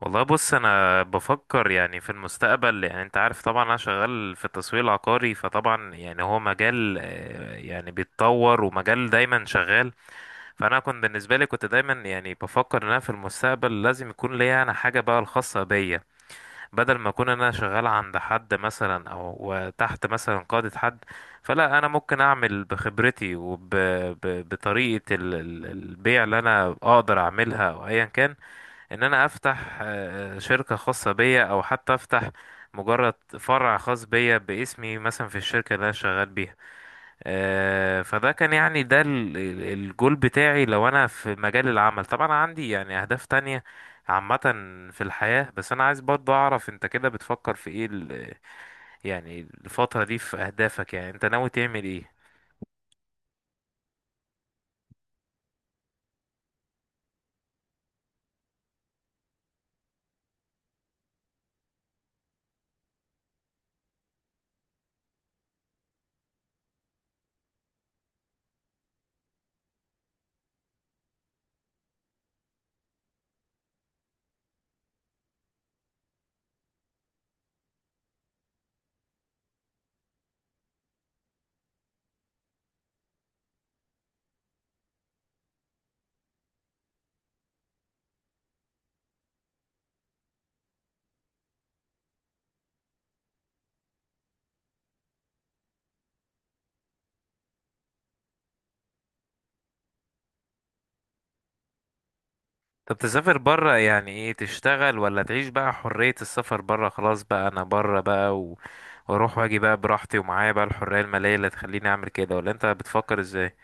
والله بص، انا بفكر يعني في المستقبل. يعني انت عارف طبعا انا شغال في التسويق العقاري، فطبعا يعني هو مجال يعني بيتطور ومجال دايما شغال. فانا كنت بالنسبه لي، كنت دايما يعني بفكر ان انا في المستقبل لازم يكون ليا انا حاجه بقى الخاصه بيا. بدل ما اكون انا شغال عند حد مثلا، او تحت مثلا قاده حد. فلا، انا ممكن اعمل بخبرتي وبطريقه البيع اللي انا اقدر اعملها او ايا كان. ان انا افتح شركة خاصة بيا، او حتى افتح مجرد فرع خاص بيا باسمي مثلا في الشركة اللي انا شغال بيها. فده كان يعني ده الجول بتاعي لو انا في مجال العمل. طبعا عندي يعني اهداف تانية عامة في الحياة. بس انا عايز برضه اعرف انت كده بتفكر في ايه يعني الفترة دي في اهدافك. يعني انت ناوي تعمل ايه؟ طب تسافر برا يعني ايه؟ تشتغل، ولا تعيش بقى حرية السفر، برا خلاص بقى انا برا بقى واروح واجي بقى براحتي، ومعايا بقى الحرية المالية اللي تخليني اعمل كده؟ ولا انت بتفكر ازاي؟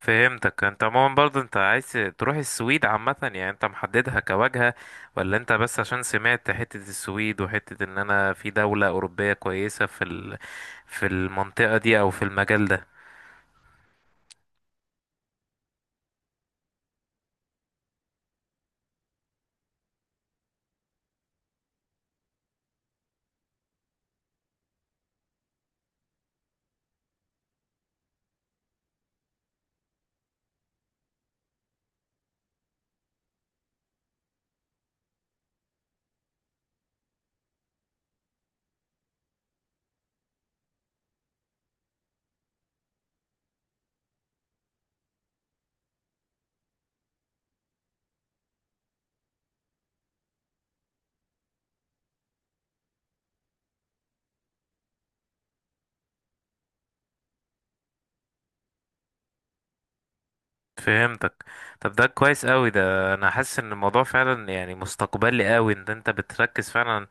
فهمتك. انت عموما برضه انت عايز تروح السويد عامة؟ يعني انت محددها كواجهة؟ ولا انت بس عشان سمعت حتة السويد، وحتة ان انا في دولة اوروبية كويسة في المنطقة دي، او في المجال ده؟ فهمتك. طب ده كويس قوي. ده انا حاسس ان الموضوع فعلا يعني مستقبلي قوي، ان انت بتركز فعلا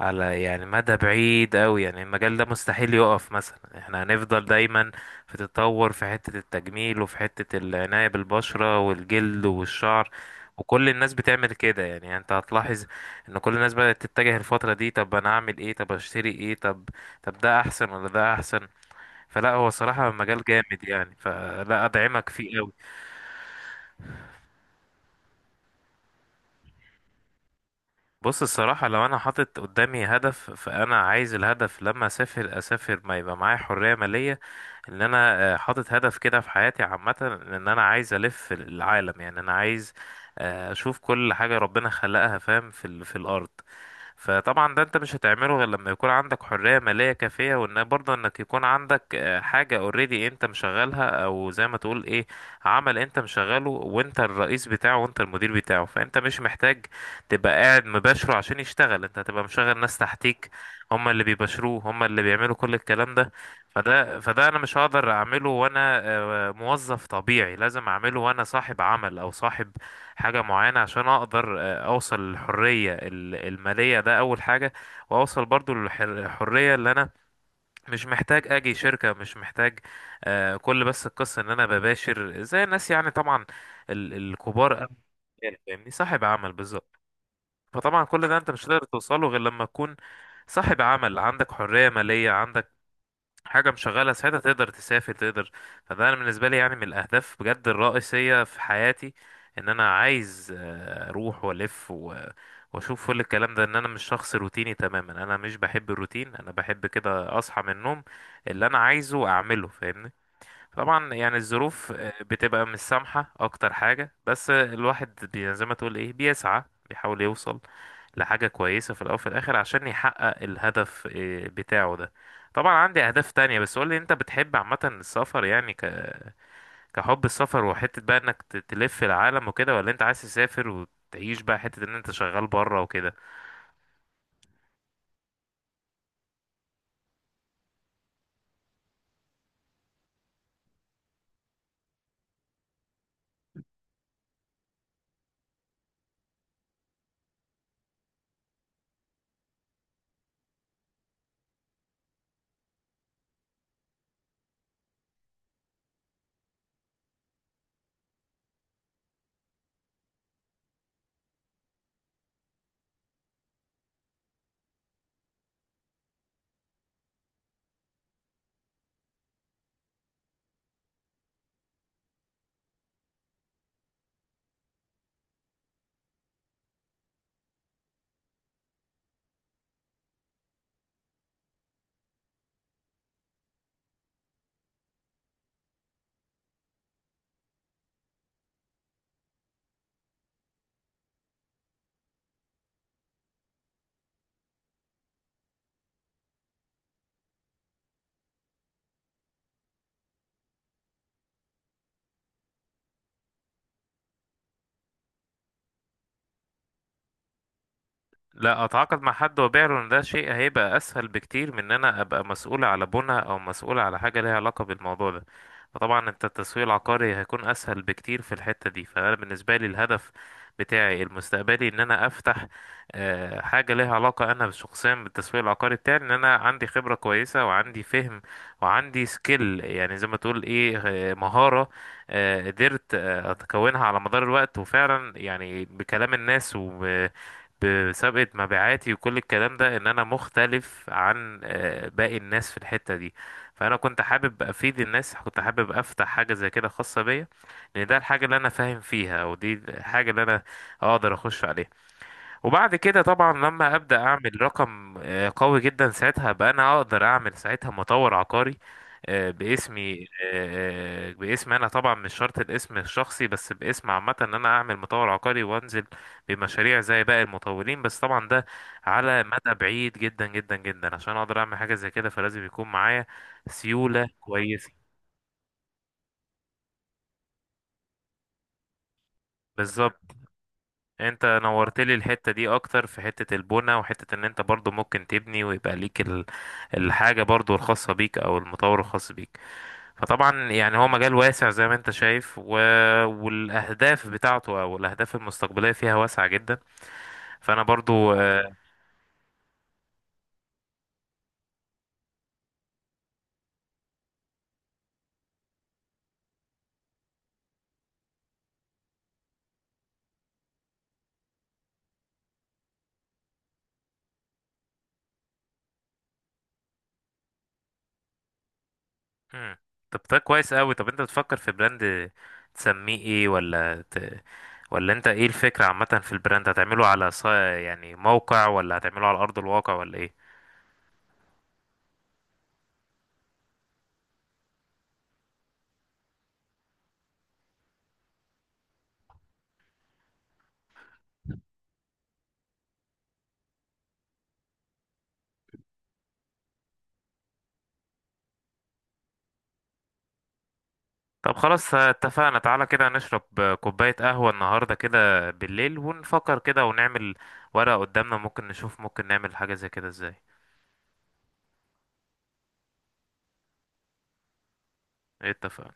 على يعني مدى بعيد قوي. يعني المجال ده مستحيل يقف، مثلا احنا هنفضل دايما في تطور في حتة التجميل وفي حتة العناية بالبشرة والجلد والشعر. وكل الناس بتعمل كده. يعني انت هتلاحظ ان كل الناس بدأت تتجه الفترة دي، طب انا اعمل ايه، طب اشتري ايه، طب ده احسن ولا ده احسن؟ فلا، هو صراحة مجال جامد يعني. فلا، ادعمك فيه قوي. بص، الصراحة لو أنا حاطط قدامي هدف، فأنا عايز الهدف لما أسافر، أسافر ما يبقى معايا حرية مالية. إن أنا حاطط هدف كده في حياتي عامة. إن أنا عايز ألف العالم، يعني أنا عايز أشوف كل حاجة ربنا خلقها، فاهم، في الأرض. فطبعا ده انت مش هتعمله غير لما يكون عندك حرية مالية كافية، وان برضه انك يكون عندك حاجة اوريدي انت مشغلها، او زي ما تقول ايه، عمل انت مشغله وانت الرئيس بتاعه وانت المدير بتاعه. فانت مش محتاج تبقى قاعد مباشره عشان يشتغل، انت هتبقى مشغل ناس تحتيك. هم اللي بيباشروه، هم اللي بيعملوا كل الكلام ده. فده انا مش هقدر اعمله وانا موظف طبيعي. لازم اعمله وانا صاحب عمل، او صاحب حاجة معينة، عشان اقدر اوصل للحرية المالية. ده اول حاجة. واوصل برضو للحرية، اللي انا مش محتاج اجي شركة، مش محتاج، كل بس القصة ان انا بباشر زي الناس يعني، طبعا الكبار أوي. يعني فاهمني، صاحب عمل بالظبط. فطبعا كل ده انت مش هتقدر توصله غير لما تكون صاحب عمل، عندك حرية مالية، عندك حاجة مشغلة. ساعتها تقدر تسافر، تقدر. فده أنا بالنسبة لي يعني من الأهداف بجد الرئيسية في حياتي، إن أنا عايز أروح وألف وأشوف كل الكلام ده. إن أنا مش شخص روتيني تماما، أنا مش بحب الروتين. أنا بحب كده أصحى من النوم اللي أنا عايزه أعمله، فاهمني. طبعا يعني الظروف بتبقى مش سامحة اكتر حاجة، بس الواحد زي ما تقول ايه بيسعى، بيحاول يوصل لحاجة كويسة في الاول وفي الاخر، عشان يحقق الهدف بتاعه ده. طبعا عندي اهداف تانية. بس قولي، انت بتحب عامة السفر؟ يعني كحب السفر، وحتة بقى انك تلف العالم وكده؟ ولا انت عايز تسافر وتعيش بقى حتة ان انت شغال بره وكده؟ لا، اتعاقد مع حد وابيع له. ان ده شيء هيبقى اسهل بكتير من ان انا ابقى مسؤول على بنى، او مسؤول على حاجه ليها علاقه بالموضوع ده. فطبعا انت التسويق العقاري هيكون اسهل بكتير في الحته دي. فانا بالنسبه لي الهدف بتاعي المستقبلي ان انا افتح حاجه ليها علاقه انا شخصيا بالتسويق العقاري بتاعي، ان انا عندي خبره كويسه وعندي فهم وعندي سكيل، يعني زي ما تقول ايه مهاره، قدرت اتكونها على مدار الوقت. وفعلا يعني بكلام الناس و بسابقة مبيعاتي وكل الكلام ده، ان انا مختلف عن باقي الناس في الحتة دي. فانا كنت حابب افيد الناس، كنت حابب افتح حاجة زي كده خاصة بيا، لان ده الحاجة اللي انا فاهم فيها، او دي الحاجة اللي انا اقدر اخش عليها. وبعد كده طبعا لما ابدا اعمل رقم قوي جدا، ساعتها بقى انا اقدر اعمل ساعتها مطور عقاري باسمي. باسم انا طبعا، مش شرط الاسم الشخصي، بس باسم عامه ان انا اعمل مطور عقاري وانزل بمشاريع زي باقي المطورين. بس طبعا ده على مدى بعيد جدا جدا جدا عشان اقدر اعمل حاجه زي كده، فلازم يكون معايا سيوله كويسه. بالظبط. انت نورت لي الحتة دي اكتر في حتة البنى، وحتة ان انت برضو ممكن تبني ويبقى ليك الحاجة برضو الخاصة بيك، او المطور الخاص بيك. فطبعا يعني هو مجال واسع زي ما انت شايف والاهداف بتاعته، او الاهداف المستقبلية فيها واسعة جدا. فانا برضو مم. طب ده كويس قوي. طب انت بتفكر في براند تسميه ايه ولا انت ايه الفكرة عامة في البراند؟ هتعمله على يعني موقع، ولا هتعمله على ارض الواقع، ولا ايه؟ طب خلاص اتفقنا. تعالى كده نشرب كوباية قهوة النهاردة كده بالليل، ونفكر كده ونعمل ورقة قدامنا، ممكن نشوف ممكن نعمل حاجة زي كده ازاي. إيه، اتفقنا.